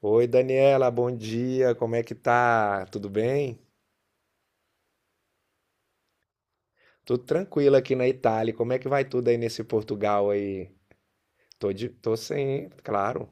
Oi, Daniela, bom dia. Como é que tá? Tudo bem? Tudo tranquilo aqui na Itália. Como é que vai tudo aí nesse Portugal aí? Tô sem, claro.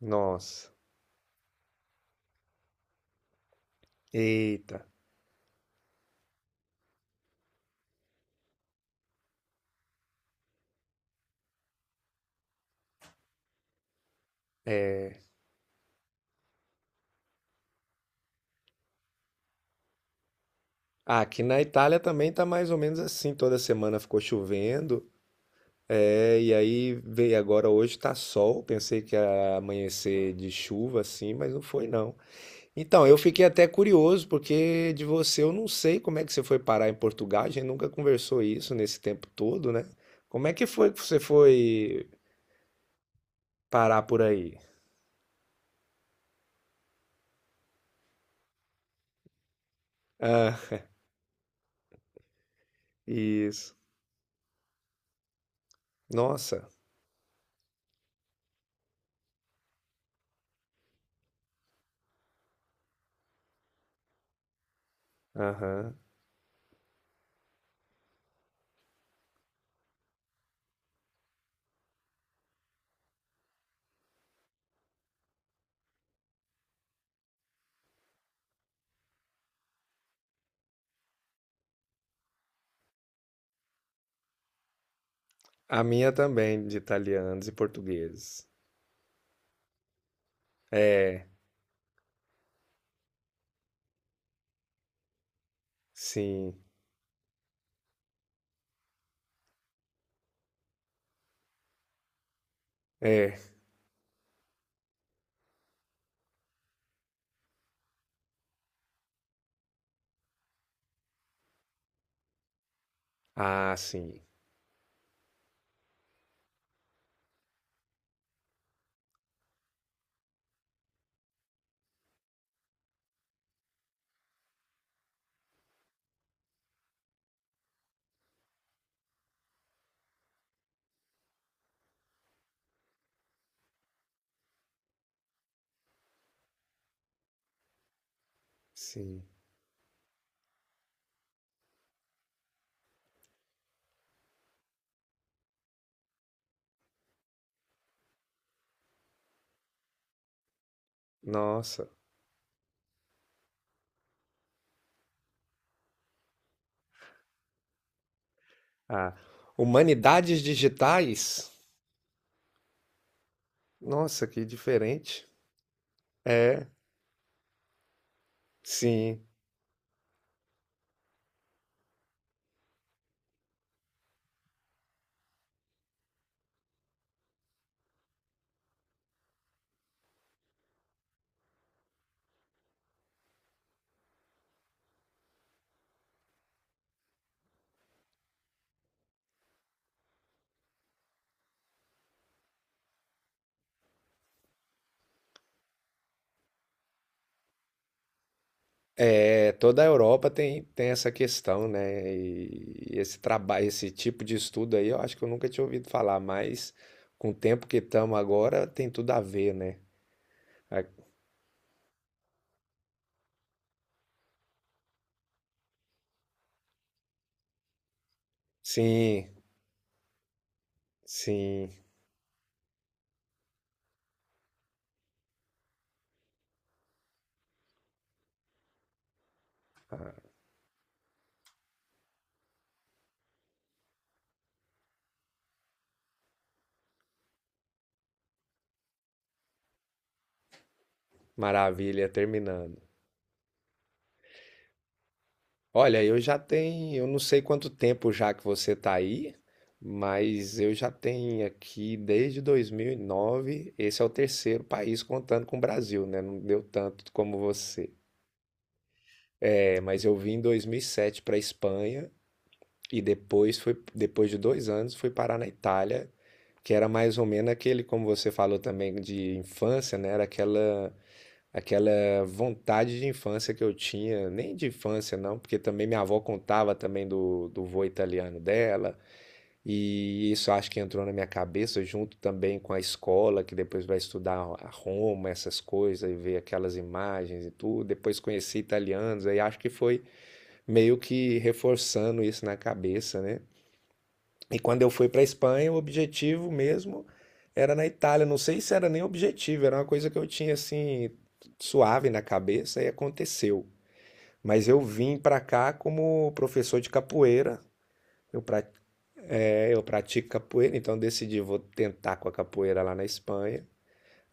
Nossa. Eita. É. Ah, aqui na Itália também tá mais ou menos assim. Toda semana ficou chovendo. É, e aí veio agora hoje tá sol. Pensei que ia amanhecer de chuva assim, mas não foi não. Então, eu fiquei até curioso, porque de você eu não sei como é que você foi parar em Portugal, a gente nunca conversou isso nesse tempo todo, né? Como é que foi que você foi parar por aí? Ah, isso. Nossa, aham. A minha também, de italianos e portugueses. É, sim, é. Ah, sim, sim. Nossa. Ah, humanidades digitais? Nossa, que diferente. É, sim. É, toda a Europa tem, tem essa questão, né? E esse trabalho, esse tipo de estudo aí, eu acho que eu nunca tinha ouvido falar, mas com o tempo que estamos agora, tem tudo a ver, né? A- Sim, sim, maravilha, terminando. Olha, eu já tenho, eu não sei quanto tempo já que você tá aí, mas eu já tenho aqui desde 2009, esse é o terceiro país contando com o Brasil, né? Não deu tanto como você. É, mas eu vim em 2007 para Espanha. E depois foi, depois de dois anos, fui parar na Itália, que era mais ou menos aquele, como você falou também, de infância, né? Era aquela vontade de infância que eu tinha, nem de infância não, porque também minha avó contava também do vô italiano dela, e isso acho que entrou na minha cabeça, junto também com a escola, que depois vai estudar a Roma, essas coisas, e ver aquelas imagens e tudo. Depois conheci italianos, aí acho que foi meio que reforçando isso na cabeça, né? E quando eu fui para a Espanha, o objetivo mesmo era na Itália. Não sei se era nem objetivo, era uma coisa que eu tinha assim suave na cabeça e aconteceu. Mas eu vim para cá como professor de capoeira. Eu, pra, eu pratico capoeira, então eu decidi vou tentar com a capoeira lá na Espanha.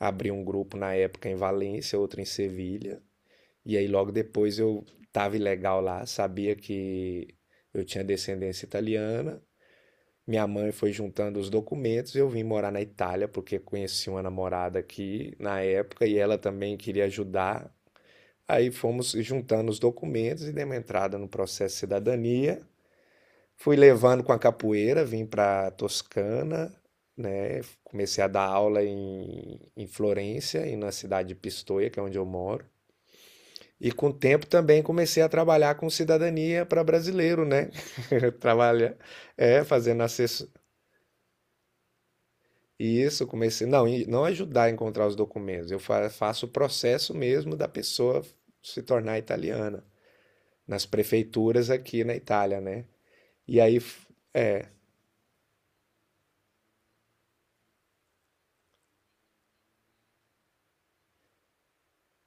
Abri um grupo na época em Valência, outro em Sevilha. E aí logo depois eu estava ilegal lá, sabia que eu tinha descendência italiana minha mãe foi juntando os documentos, eu vim morar na Itália porque conheci uma namorada aqui na época e ela também queria ajudar. Aí fomos juntando os documentos e demos entrada no processo de cidadania. Fui levando com a capoeira, vim para Toscana, né? Comecei a dar aula em Florença e na cidade de Pistoia, que é onde eu moro. E com o tempo também comecei a trabalhar com cidadania para brasileiro, né? Trabalha, é, fazendo assess- E isso, comecei. Não, e não ajudar a encontrar os documentos. Eu faço o processo mesmo da pessoa se tornar italiana, nas prefeituras aqui na Itália, né? E aí, f-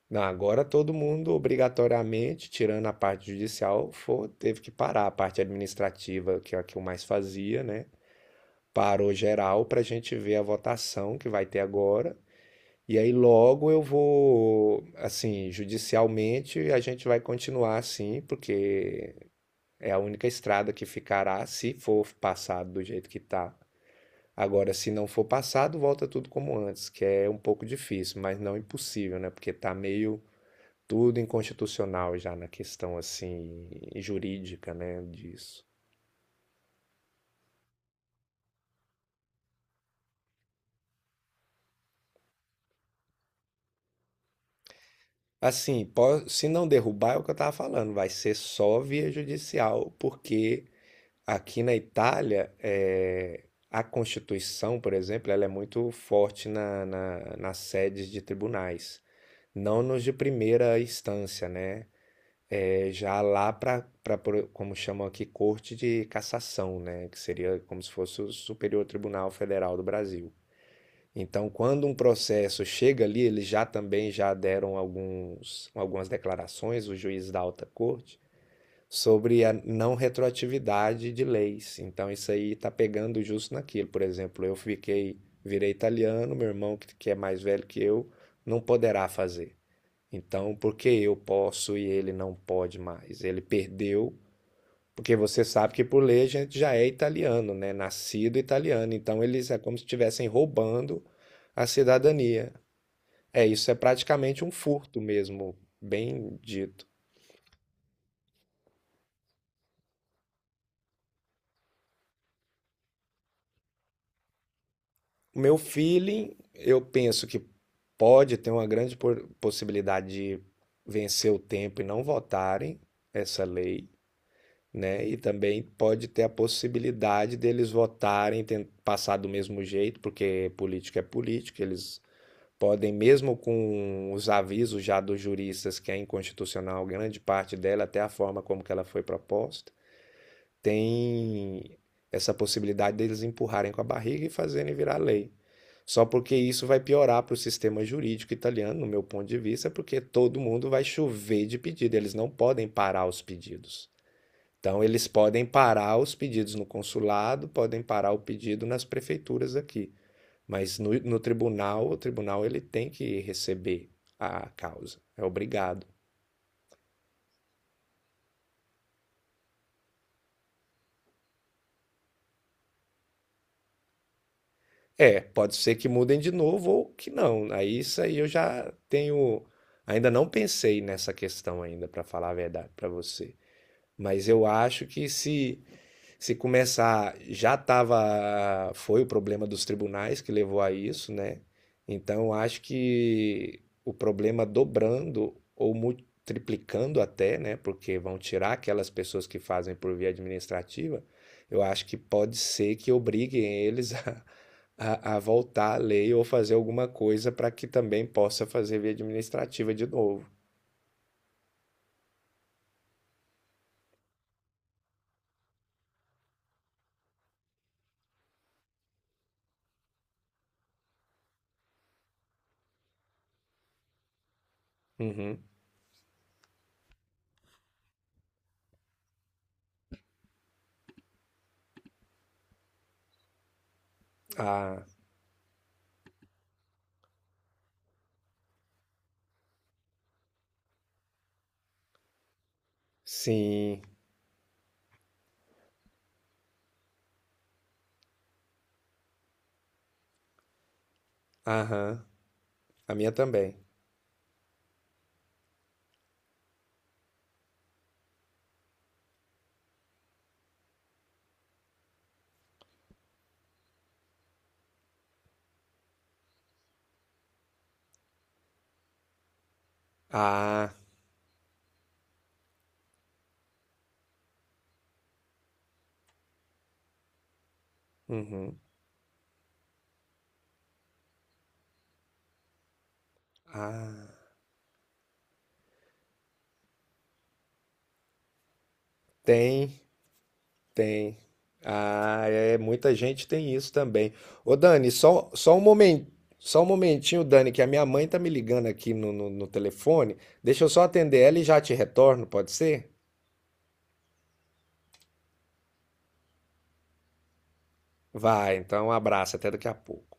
não, agora todo mundo, obrigatoriamente, tirando a parte judicial, teve que parar a parte administrativa, que é a que eu mais fazia, né? Parou geral para a gente ver a votação que vai ter agora. E aí logo eu vou, assim, judicialmente a gente vai continuar assim, porque é a única estrada que ficará se for passado do jeito que está. Agora, se não for passado, volta tudo como antes, que é um pouco difícil, mas não impossível, né? Porque está meio tudo inconstitucional já na questão assim jurídica, né, disso. Assim, se não derrubar é o que eu estava falando, vai ser só via judicial, porque aqui na Itália, a Constituição, por exemplo, ela é muito forte nas sedes de tribunais, não nos de primeira instância, né? Já lá para, como chamam aqui, Corte de Cassação, né? Que seria como se fosse o Superior Tribunal Federal do Brasil. Então, quando um processo chega ali, eles já também já deram alguns, algumas declarações, o juiz da alta corte, sobre a não retroatividade de leis. Então isso aí está pegando justo naquilo. Por exemplo, eu fiquei, virei italiano, meu irmão que, é mais velho que eu não poderá fazer. Então, por que eu posso e ele não pode mais? Ele perdeu, porque você sabe que por lei a gente já é italiano, né? Nascido italiano. Então eles é como se estivessem roubando a cidadania. É isso, é praticamente um furto mesmo, bem dito. O meu feeling, eu penso que pode ter uma grande possibilidade de vencer o tempo e não votarem essa lei, né? E também pode ter a possibilidade deles votarem, passar do mesmo jeito, porque política é política, eles podem, mesmo com os avisos já dos juristas que é inconstitucional, grande parte dela, até a forma como que ela foi proposta tem essa possibilidade deles empurrarem com a barriga e fazerem virar lei. Só porque isso vai piorar para o sistema jurídico italiano, no meu ponto de vista, porque todo mundo vai chover de pedido, eles não podem parar os pedidos. Então, eles podem parar os pedidos no consulado, podem parar o pedido nas prefeituras aqui. Mas no tribunal, o tribunal ele tem que receber a causa, é obrigado. É, pode ser que mudem de novo ou que não. Aí isso aí eu já tenho, ainda não pensei nessa questão ainda, para falar a verdade para você. Mas eu acho que se começar, já estava. Foi o problema dos tribunais que levou a isso, né? Então, acho que o problema dobrando ou triplicando até, né? Porque vão tirar aquelas pessoas que fazem por via administrativa. Eu acho que pode ser que obriguem eles a voltar à lei ou fazer alguma coisa para que também possa fazer via administrativa de novo. Uhum. Ah, sim. Aham. A minha também. Ah. Uhum. Ah, tem, tem. Ah, é, muita gente tem isso também. Ô Dani, só um momento, só um momentinho, Dani, que a minha mãe tá me ligando aqui no telefone. Deixa eu só atender ela e já te retorno, pode ser? Vai, então um abraço, até daqui a pouco.